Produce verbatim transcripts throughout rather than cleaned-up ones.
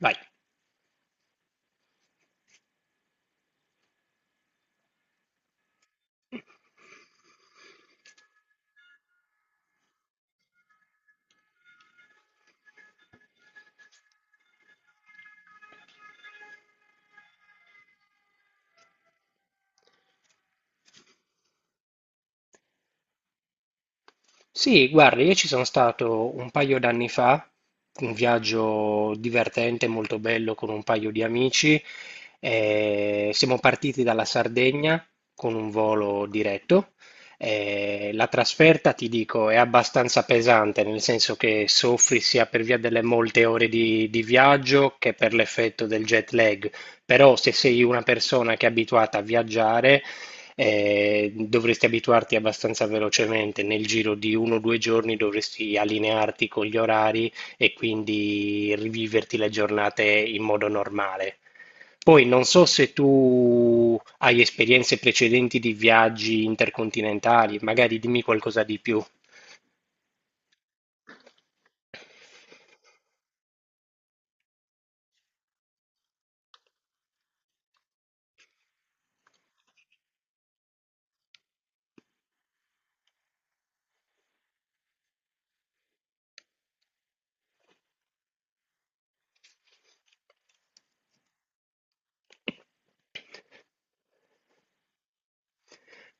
Vai. Sì, guarda, io ci sono stato un paio d'anni fa, un viaggio divertente, molto bello con un paio di amici. Eh, siamo partiti dalla Sardegna con un volo diretto. Eh, la trasferta, ti dico, è abbastanza pesante, nel senso che soffri sia per via delle molte ore di, di viaggio che per l'effetto del jet lag. Però se sei una persona che è abituata a viaggiare, eh, dovresti abituarti abbastanza velocemente, nel giro di uno o due giorni dovresti allinearti con gli orari e quindi riviverti le giornate in modo normale. Poi non so se tu hai esperienze precedenti di viaggi intercontinentali, magari dimmi qualcosa di più.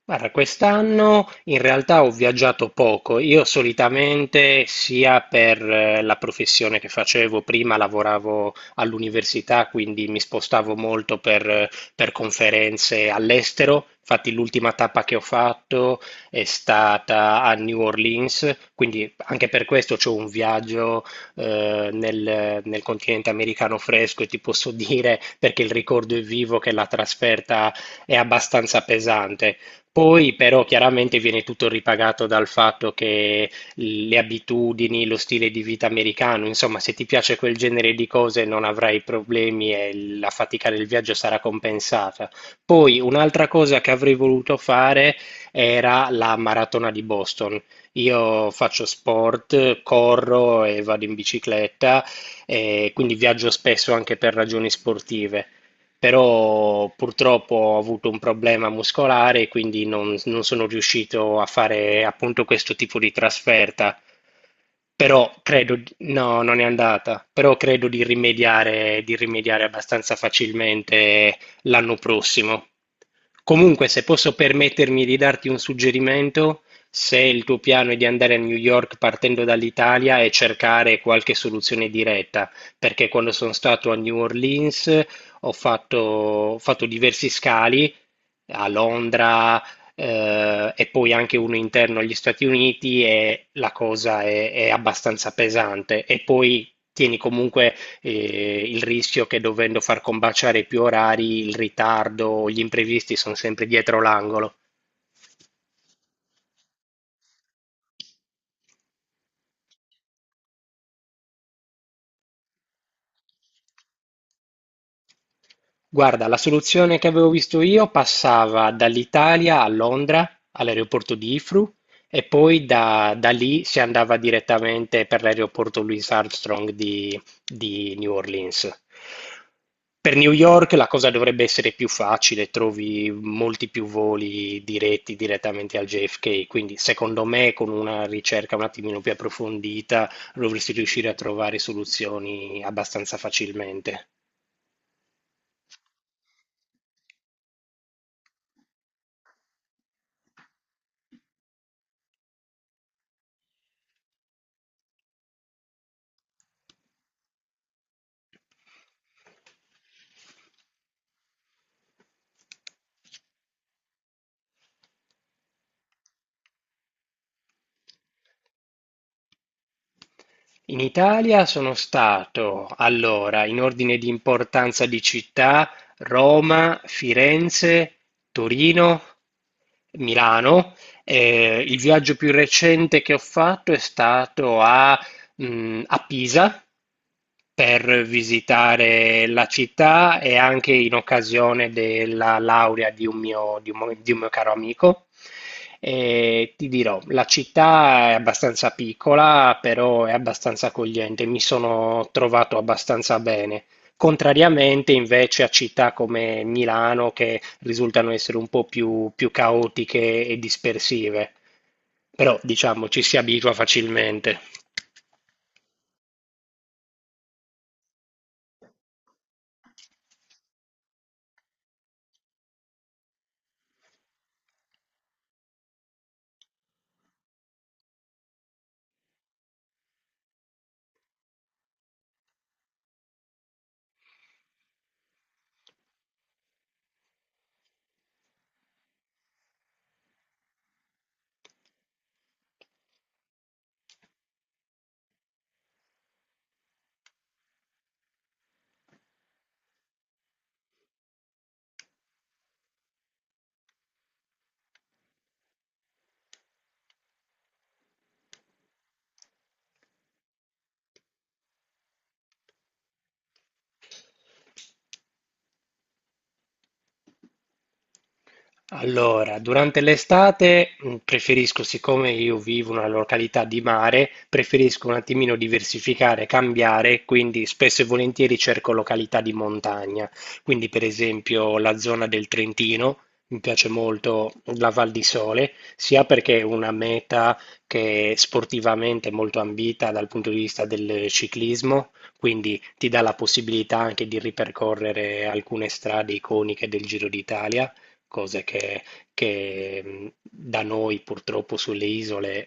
Guarda, quest'anno in realtà ho viaggiato poco. Io solitamente sia per eh, la professione che facevo, prima lavoravo all'università, quindi mi spostavo molto per, eh, per conferenze all'estero. Infatti l'ultima tappa che ho fatto è stata a New Orleans, quindi anche per questo c'ho un viaggio eh, nel, nel continente americano fresco e ti posso dire, perché il ricordo è vivo, che la trasferta è abbastanza pesante. Poi però chiaramente viene tutto ripagato dal fatto che le abitudini, lo stile di vita americano, insomma, se ti piace quel genere di cose non avrai problemi e la fatica del viaggio sarà compensata. Poi un'altra cosa che avrei voluto fare era la maratona di Boston. Io faccio sport, corro e vado in bicicletta, e quindi viaggio spesso anche per ragioni sportive, però purtroppo ho avuto un problema muscolare, e quindi non, non sono riuscito a fare appunto questo tipo di trasferta. Però credo, di- no, non è andata, però credo di rimediare, di rimediare abbastanza facilmente l'anno prossimo. Comunque, se posso permettermi di darti un suggerimento, se il tuo piano è di andare a New York partendo dall'Italia e cercare qualche soluzione diretta, perché quando sono stato a New Orleans ho fatto, ho fatto diversi scali a Londra, eh, e poi anche uno interno agli Stati Uniti e la cosa è, è abbastanza pesante. E poi tieni comunque eh, il rischio che, dovendo far combaciare più orari, il ritardo, gli imprevisti sono sempre dietro l'angolo. Guarda, la soluzione che avevo visto io passava dall'Italia a Londra, all'aeroporto di Heathrow, e poi da, da lì si andava direttamente per l'aeroporto Louis Armstrong di, di New Orleans. Per New York la cosa dovrebbe essere più facile, trovi molti più voli diretti direttamente al J F K, quindi secondo me con una ricerca un attimino più approfondita dovresti riuscire a trovare soluzioni abbastanza facilmente. In Italia sono stato, allora, in ordine di importanza di città, Roma, Firenze, Torino, Milano. Eh, il viaggio più recente che ho fatto è stato a mh, a Pisa per visitare la città e anche in occasione della laurea di un mio, di un mo- di un mio caro amico. E ti dirò, la città è abbastanza piccola, però è abbastanza accogliente, mi sono trovato abbastanza bene. Contrariamente invece a città come Milano, che risultano essere un po' più, più caotiche e dispersive, però diciamo ci si abitua facilmente. Allora, durante l'estate mh, preferisco, siccome io vivo in una località di mare, preferisco un attimino diversificare, cambiare, quindi spesso e volentieri cerco località di montagna. Quindi, per esempio, la zona del Trentino, mi piace molto la Val di Sole, sia perché è una meta che è sportivamente molto ambita dal punto di vista del ciclismo, quindi ti dà la possibilità anche di ripercorrere alcune strade iconiche del Giro d'Italia, cose che, che, mh, da noi purtroppo sulle isole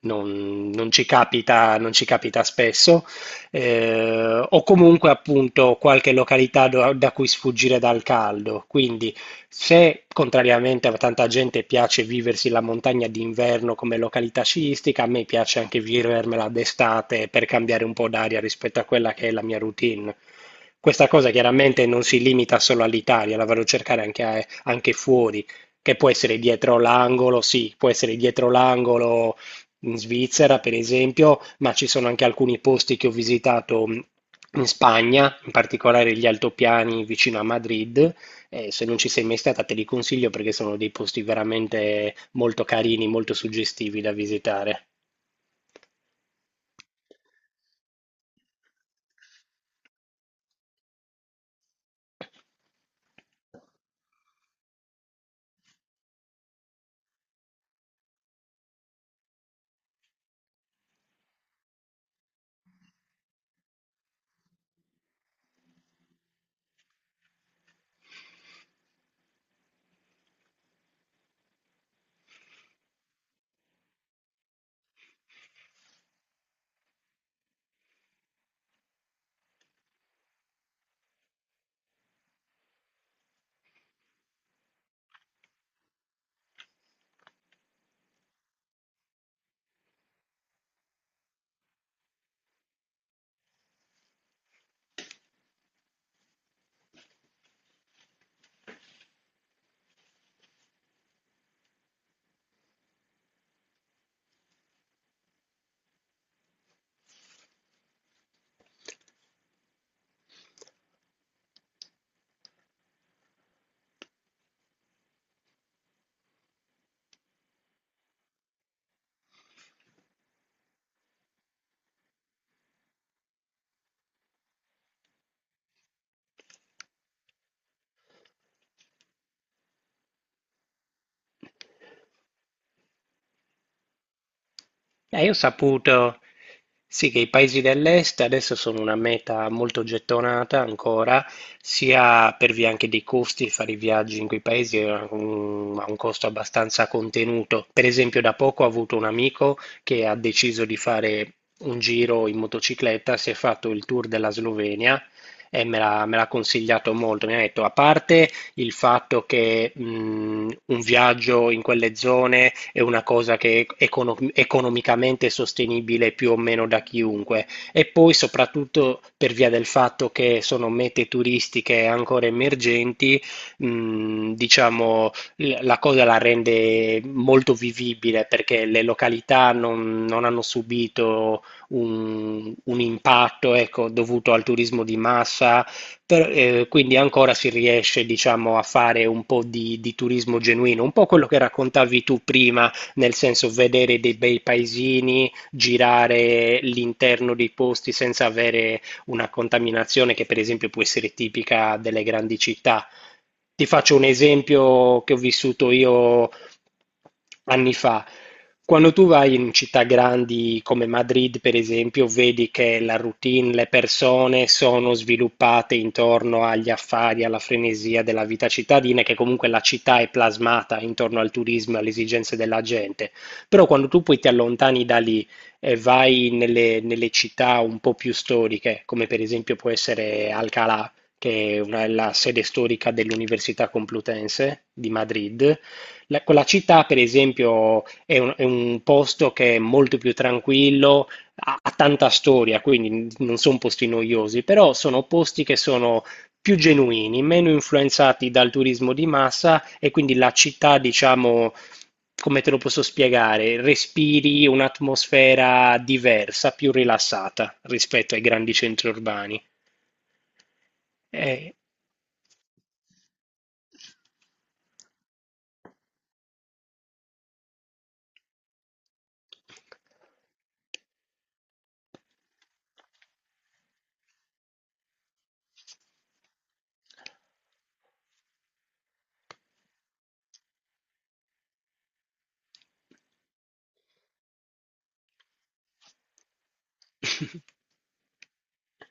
non, non ci capita, non ci capita spesso, eh, o comunque appunto qualche località do- da cui sfuggire dal caldo. Quindi, se contrariamente a tanta gente piace viversi la montagna d'inverno come località sciistica, a me piace anche vivermela d'estate per cambiare un po' d'aria rispetto a quella che è la mia routine. Questa cosa chiaramente non si limita solo all'Italia, la vado a cercare anche, a- anche fuori, che può essere dietro l'angolo, sì, può essere dietro l'angolo in Svizzera, per esempio, ma ci sono anche alcuni posti che ho visitato mh, in Spagna, in particolare gli altopiani vicino a Madrid. Eh, se non ci sei mai stata, te li consiglio perché sono dei posti veramente molto carini, molto suggestivi da visitare. Eh, io ho saputo, sì, che i paesi dell'est adesso sono una meta molto gettonata ancora, sia per via anche dei costi, fare i viaggi in quei paesi è un- ha un costo abbastanza contenuto. Per esempio, da poco ho avuto un amico che ha deciso di fare un giro in motocicletta, si è fatto il tour della Slovenia e me l'ha me l'ha consigliato molto. Mi ha detto, a parte il fatto che mh, un viaggio in quelle zone è una cosa che è econo- economicamente sostenibile più o meno da chiunque. E poi soprattutto per via del fatto che sono mete turistiche ancora emergenti, mh, diciamo, l- la cosa la rende molto vivibile perché le località non, non hanno subito un, un impatto, ecco, dovuto al turismo di massa, per- eh, quindi ancora si riesce, diciamo, a fare un po' di, di turismo genuino, un po' quello che raccontavi tu prima, nel senso vedere dei bei paesini, girare l'interno dei posti senza avere una contaminazione che per esempio può essere tipica delle grandi città. Ti faccio un esempio che ho vissuto io anni fa. Quando tu vai in città grandi come Madrid, per esempio, vedi che la routine, le persone sono sviluppate intorno agli affari, alla frenesia della vita cittadina, e che comunque la città è plasmata intorno al turismo e alle esigenze della gente. Però quando tu poi ti allontani da lì e vai nelle, nelle città un po' più storiche, come per esempio può essere Alcalá, che è una- la sede storica dell'Università Complutense di Madrid, la- quella città, per esempio, è un, è un posto che è molto più tranquillo, ha, ha tanta storia, quindi non sono posti noiosi, però sono posti che sono più genuini, meno influenzati dal turismo di massa e quindi la città, diciamo, come te lo posso spiegare, respiri un'atmosfera diversa, più rilassata rispetto ai grandi centri urbani. Eh,